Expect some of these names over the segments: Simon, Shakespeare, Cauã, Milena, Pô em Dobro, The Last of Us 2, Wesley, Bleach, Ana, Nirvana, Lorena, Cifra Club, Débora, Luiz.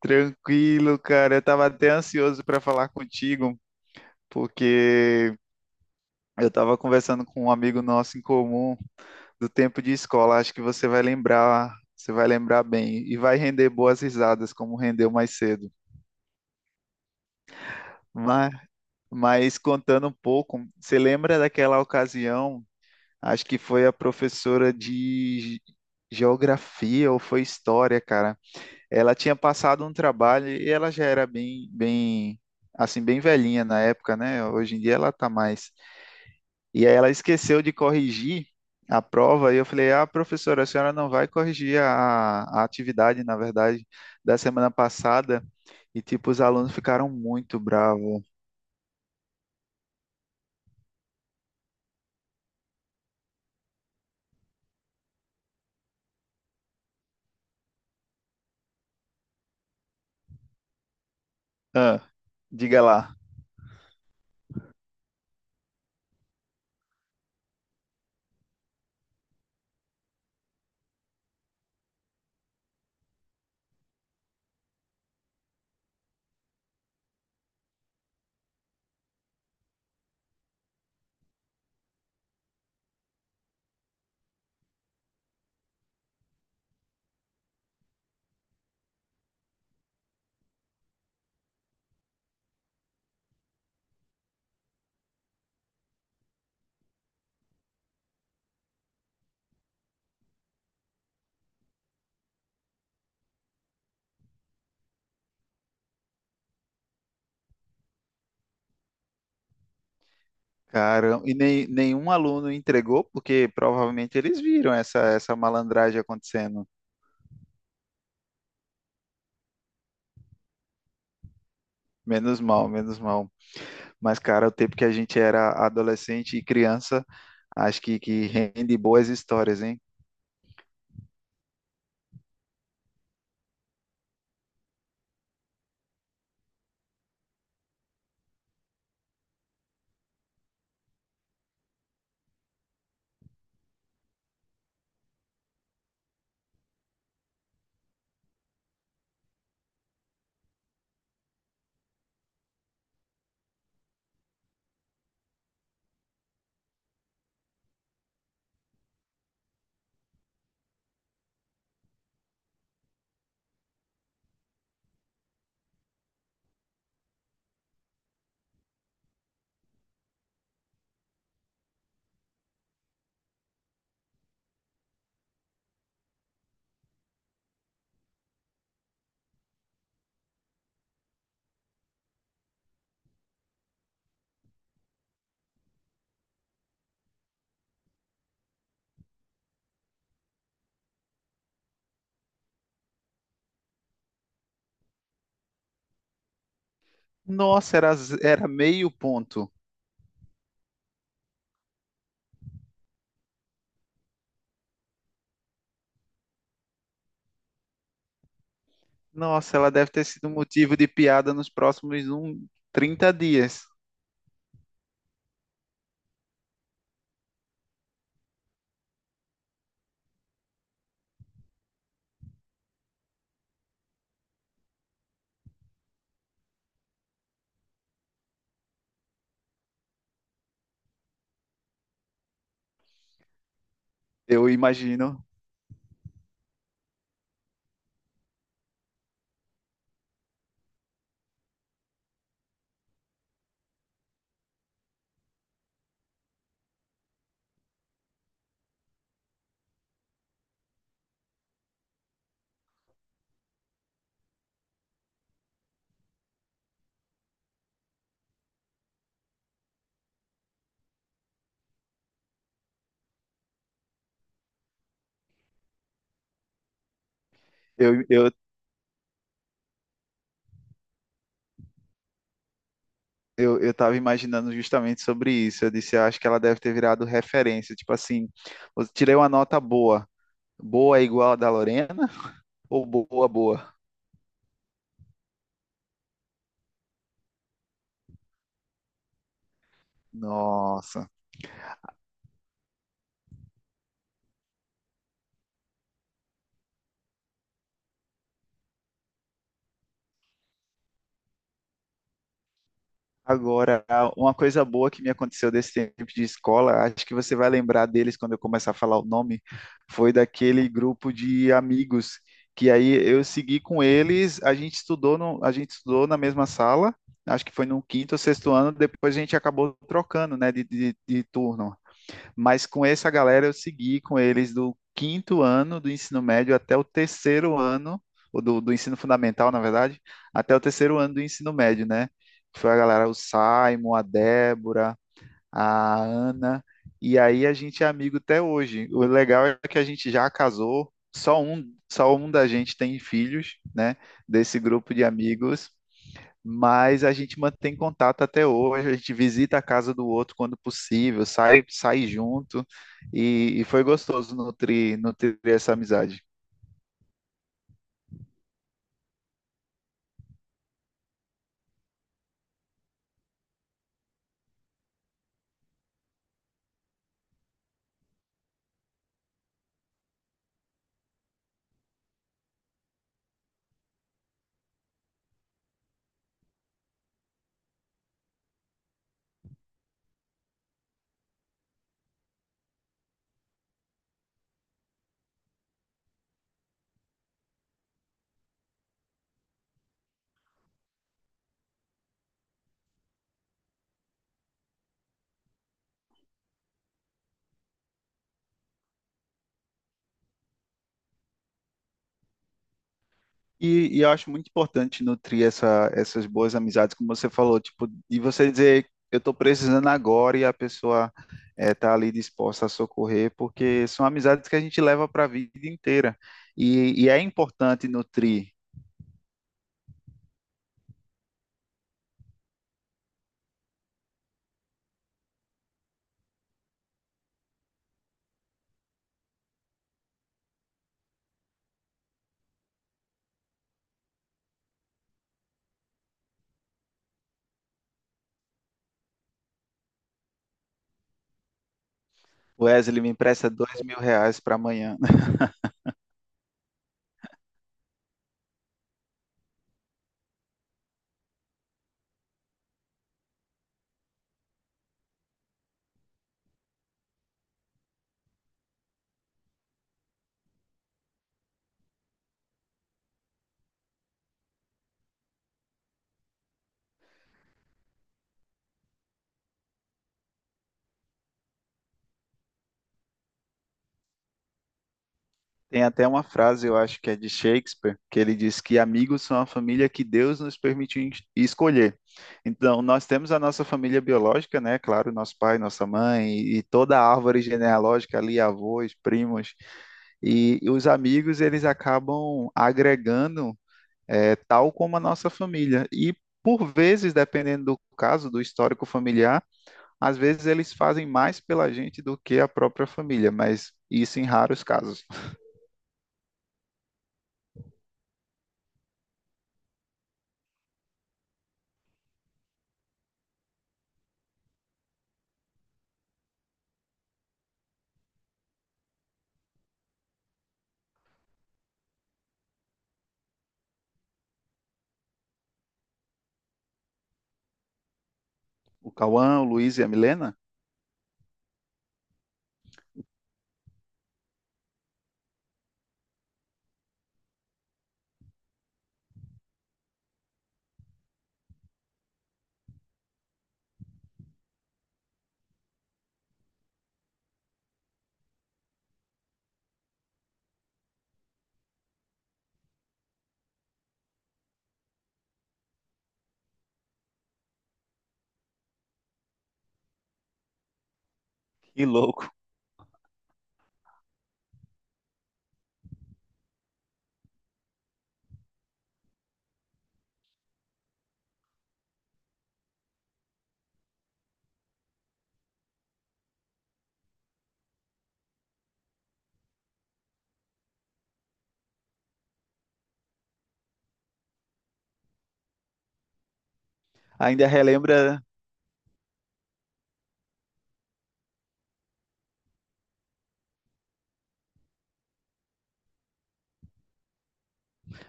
Tranquilo, cara. Eu tava até ansioso para falar contigo, porque eu tava conversando com um amigo nosso em comum do tempo de escola. Acho que você vai lembrar bem e vai render boas risadas, como rendeu mais cedo. Mas, mas, contando um pouco, você lembra daquela ocasião? Acho que foi a professora de geografia ou foi história, cara. Ela tinha passado um trabalho e ela já era assim, bem velhinha na época, né? Hoje em dia ela tá mais. E aí ela esqueceu de corrigir a prova e eu falei: "Ah, professora, a senhora não vai corrigir a atividade, na verdade, da semana passada". E tipo, os alunos ficaram muito bravos. Ah, diga lá. Cara, e nem, nenhum aluno entregou, porque provavelmente eles viram essa malandragem acontecendo. Menos mal, menos mal. Mas, cara, o tempo que a gente era adolescente e criança, acho que rende boas histórias, hein? Nossa, era meio ponto. Nossa, ela deve ter sido motivo de piada nos próximos 30 dias. Eu imagino. Eu, eu, eu tava imaginando justamente sobre isso. Eu disse, eu acho que ela deve ter virado referência. Tipo assim, eu tirei uma nota boa. Boa é igual a da Lorena ou boa, boa? Nossa. Agora, uma coisa boa que me aconteceu desse tempo de escola, acho que você vai lembrar deles quando eu começar a falar o nome, foi daquele grupo de amigos que aí eu segui com eles, a gente estudou no, a gente estudou na mesma sala, acho que foi no quinto ou sexto ano, depois a gente acabou trocando, né, de turno. Mas com essa galera eu segui com eles do quinto ano do ensino médio até o terceiro ano, ou do ensino fundamental, na verdade, até o terceiro ano do ensino médio, né? Foi a galera, o Simon, a Débora, a Ana, e aí a gente é amigo até hoje. O legal é que a gente já casou, só um da gente tem filhos, né? Desse grupo de amigos, mas a gente mantém contato até hoje, a gente visita a casa do outro quando possível, sai junto, e foi gostoso nutrir essa amizade. E eu acho muito importante nutrir essas boas amizades, como você falou, tipo, e você dizer, eu estou precisando agora e a pessoa está ali disposta a socorrer, porque são amizades que a gente leva para a vida inteira. E é importante nutrir. Wesley, me empresta R$ 2.000 para amanhã. Tem até uma frase, eu acho que é de Shakespeare, que ele diz que amigos são a família que Deus nos permitiu escolher. Então, nós temos a nossa família biológica, né? Claro, nosso pai, nossa mãe e toda a árvore genealógica ali, avós, primos. E os amigos, eles acabam agregando, eh, tal como a nossa família. E, por vezes, dependendo do caso, do histórico familiar, às vezes eles fazem mais pela gente do que a própria família, mas isso em raros casos. O Cauã, o Luiz e a Milena? Que louco. Ainda relembra.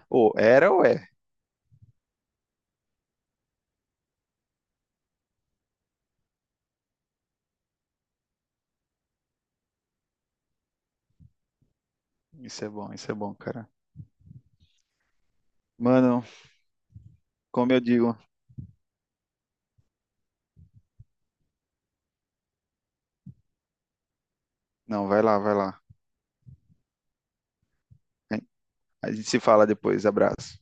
Ô, era ou é? Isso é bom, cara. Mano, como eu digo. Não, vai lá, vai lá. A gente se fala depois. Abraço.